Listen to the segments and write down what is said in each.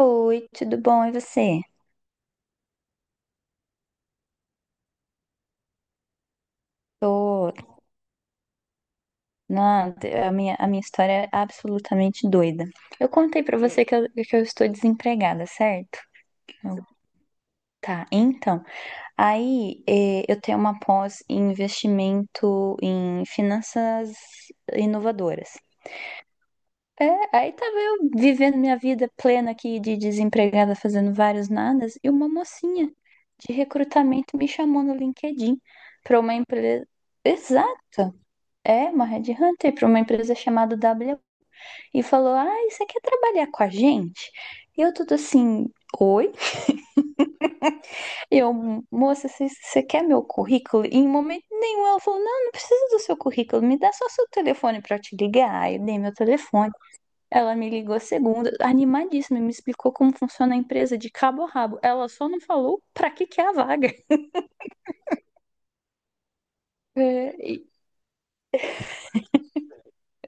Oi, tudo bom? E você? Tô, nada. A minha história é absolutamente doida. Eu contei pra você que eu estou desempregada, certo? Eu- tá, então, aí eu tenho uma pós em investimento em finanças inovadoras. É, aí tava eu vivendo minha vida plena aqui de desempregada, fazendo vários nadas, e uma mocinha de recrutamento me chamou no LinkedIn pra uma empresa. Exato. É, uma headhunter para uma empresa chamada W e falou: Ah, você quer trabalhar com a gente? E eu tudo assim, oi? Eu, moça, você quer meu currículo? E em momento nenhum ela falou: Não, não precisa do seu currículo, me dá só seu telefone para eu te ligar. Aí eu dei meu telefone. Ela me ligou segunda, animadíssima, e me explicou como funciona a empresa de cabo a rabo. Ela só não falou para que que é a vaga. É, e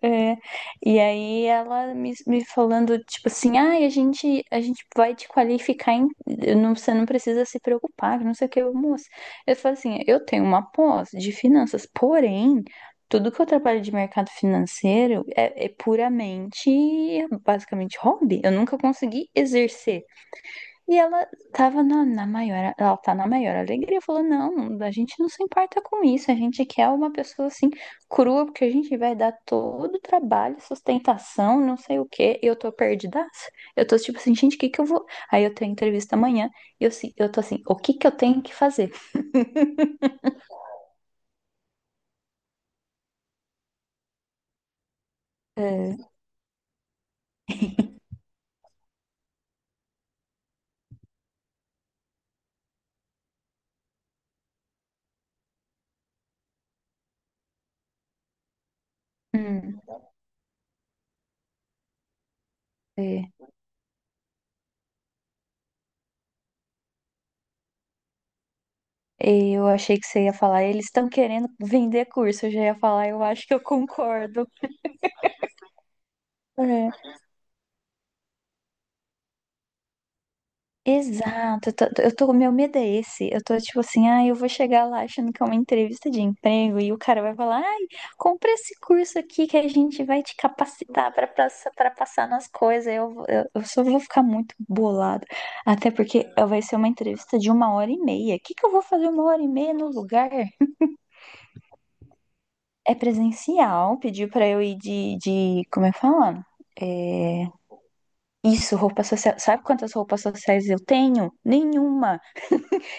É, e aí ela me falando, tipo assim, ah, a gente vai te qualificar, não, você não precisa se preocupar, que não sei o que, moça. Eu falo assim, eu tenho uma pós de finanças, porém, tudo que eu trabalho de mercado financeiro é puramente, basicamente, hobby. Eu nunca consegui exercer. E ela tá na maior alegria, falou, não, a gente não se importa com isso, a gente quer uma pessoa assim, crua, porque a gente vai dar todo o trabalho, sustentação, não sei o quê, e eu tô perdidaça. Eu tô tipo assim, gente, o que que eu vou. Aí eu tenho entrevista amanhã, e eu, se- eu tô assim, o que que eu tenho que fazer? É, hum, é, eu achei que você ia falar, eles estão querendo vender curso, eu já ia falar, eu acho que eu concordo. É. Exato, meu medo é esse. Eu tô tipo assim, ah, eu vou chegar lá achando que é uma entrevista de emprego e o cara vai falar, ai, compra esse curso aqui que a gente vai te capacitar pra passar nas coisas. Eu só vou ficar muito bolado. Até porque vai ser uma entrevista de uma hora e meia. O que que eu vou fazer uma hora e meia no lugar? É presencial, pediu pra eu ir como é que fala? É, isso, roupa social. Sabe quantas roupas sociais eu tenho? Nenhuma.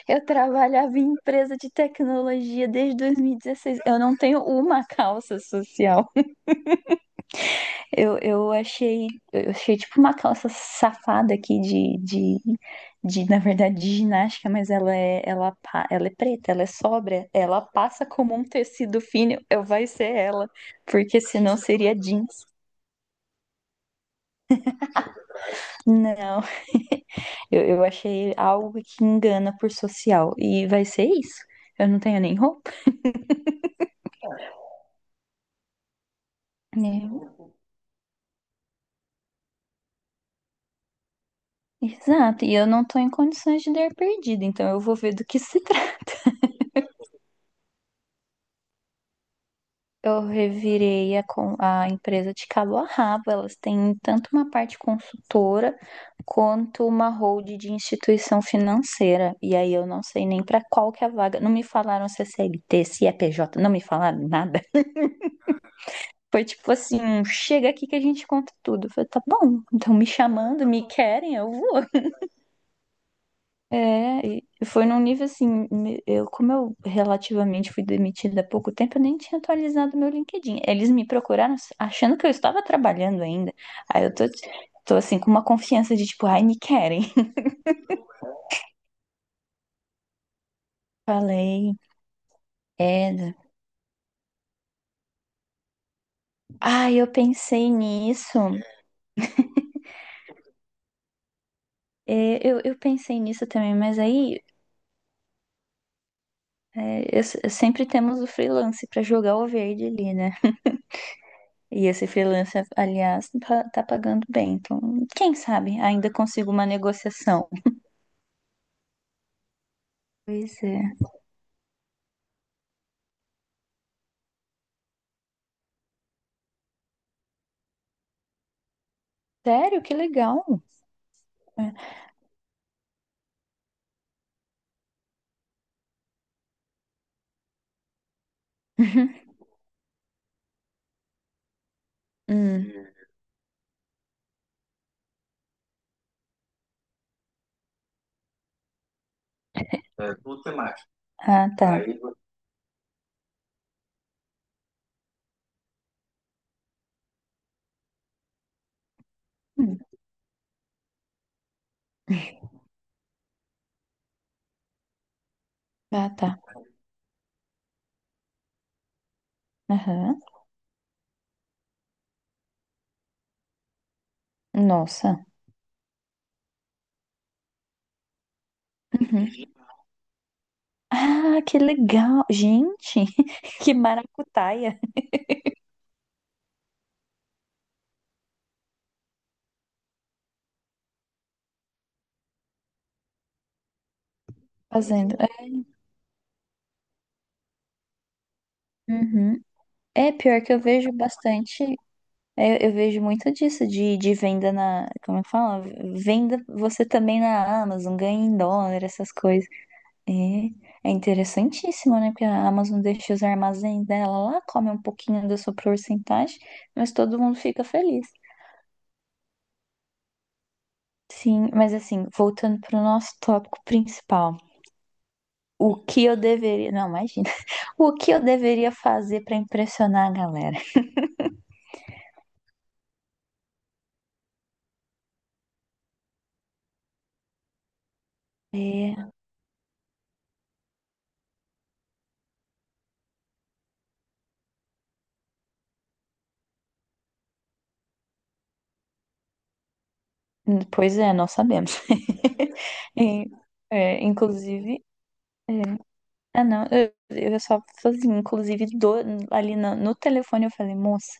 Eu trabalhava em empresa de tecnologia desde 2016. Eu não tenho uma calça social. Eu, eu achei, eu achei tipo uma calça safada aqui na verdade, de ginástica, mas ela é preta, ela é sóbria, ela passa como um tecido fino. Eu vai ser ela, porque senão seria jeans. Não, eu achei algo que engana por social e vai ser isso. Eu não tenho nem roupa. Né? Exato, e eu não tô em condições de dar perdida, então eu vou ver do que se trata. Eu revirei a empresa de cabo a rabo, elas têm tanto uma parte consultora quanto uma hold de instituição financeira. E aí eu não sei nem pra qual que é a vaga. Não me falaram se é CLT, se é PJ, não me falaram nada. Foi tipo assim, chega aqui que a gente conta tudo. Eu falei, tá bom, então me chamando, me querem, eu vou. É, e foi num nível assim, como eu relativamente fui demitida há pouco tempo, eu nem tinha atualizado meu LinkedIn. Eles me procuraram achando que eu estava trabalhando ainda. Aí eu tô assim, com uma confiança de tipo, ai, me querem. Falei, é, né?" ai, eu pensei nisso. É, eu pensei nisso também, mas aí é, eu se- sempre temos o freelance para jogar o verde ali, né? E esse freelance, aliás, tá pagando bem. Então, quem sabe ainda consigo uma negociação. Pois é. Sério? Que legal. É. Uhum. Hum. Ah, tá. Hum. Ah, tá. Aham. Nossa. Uhum. Ah, que legal. Gente, que maracutaia fazendo. É, Uhum. É, pior que eu vejo bastante. É, eu, vejo muito disso de venda na. Como é que fala? Venda você também na Amazon, ganha em dólar, essas coisas. É, é interessantíssimo, né? Porque a Amazon deixa os armazéns dela lá, come um pouquinho da sua porcentagem, mas todo mundo fica feliz. Sim, mas assim, voltando para o nosso tópico principal, o que eu deveria. Não, imagina. O que eu deveria fazer para impressionar a galera? É, pois é, nós sabemos. E, inclusive. é, Ah, não, eu só falei assim, inclusive ali no telefone eu falei, moça.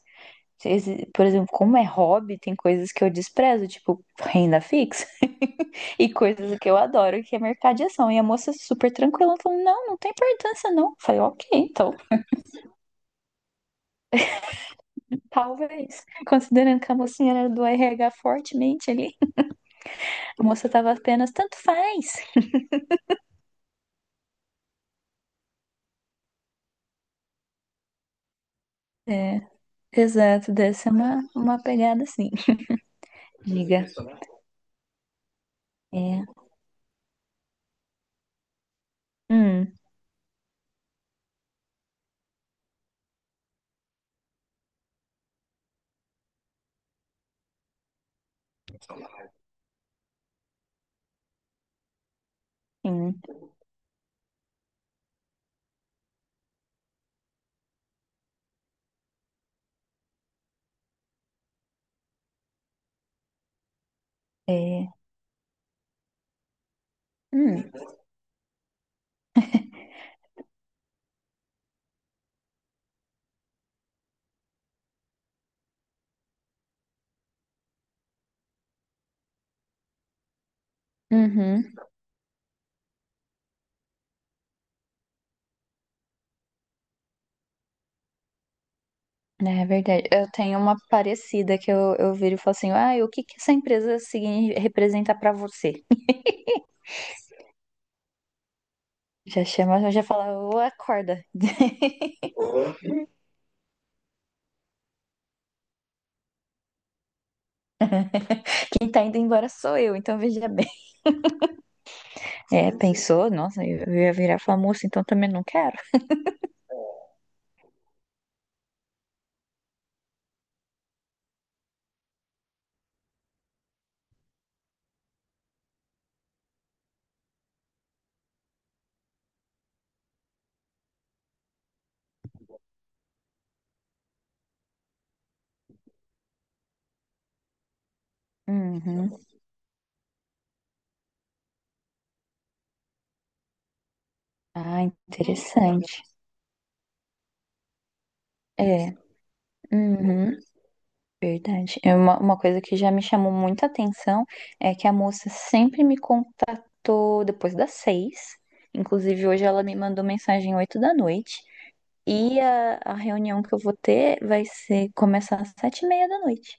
Por exemplo, como é hobby, tem coisas que eu desprezo, tipo renda fixa, e coisas que eu adoro, que é mercado de ação. E a moça super tranquila, falou: não, não tem importância, não. Eu falei, ok, então, talvez. Considerando que a mocinha era do RH fortemente ali, a moça tava apenas, tanto faz. É, exato, dessa é uma pegada assim. Diga. É. Hum, sim. É. Hum. Uhum. É verdade. Eu tenho uma parecida que eu viro e falo assim, ah, e o que que essa empresa representa pra você? Já chama, já fala, ô, acorda. Quem tá indo embora sou eu, então veja bem. É, pensou, nossa, eu ia virar e falar, moça, então também não quero. Uhum. Ah, interessante. É. Uhum. Verdade. É. Uma coisa que já me chamou muita atenção é que a moça sempre me contatou depois das 6. Inclusive, hoje ela me mandou mensagem 8 da noite. E a reunião que eu vou ter vai ser começar às 7:30 da noite.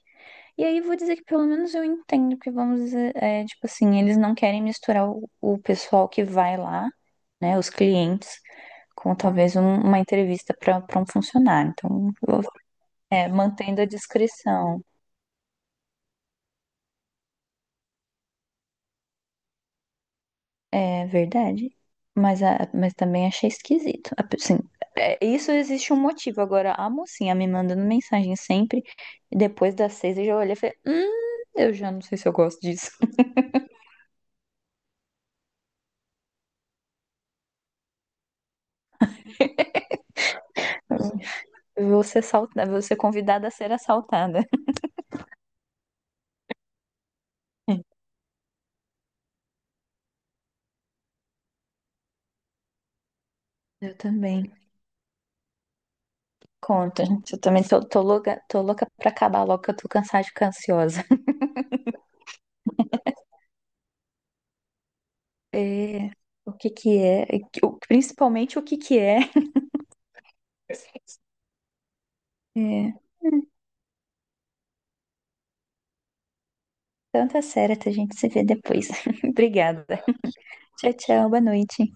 E aí vou dizer que pelo menos eu entendo que vamos dizer, é, tipo assim, eles não querem misturar o pessoal que vai lá, né, os clientes, com talvez uma entrevista para um funcionário. Então, mantendo a discrição. É verdade. Mas também achei esquisito. Assim, é, isso existe um motivo. Agora, a mocinha me mandando mensagem sempre, e depois das 6 eu já olhei e falei, eu já não sei se eu gosto disso. Eu vou ser assaltada, vou ser convidada a ser assaltada. Eu também. Conta, gente. Eu também tô louca, tô louca pra acabar logo, que eu tô cansada de ficar ansiosa. É, o que que é, principalmente o que que é. É, tanta séria, a gente se vê depois. Obrigada. Tchau, tchau. Boa noite.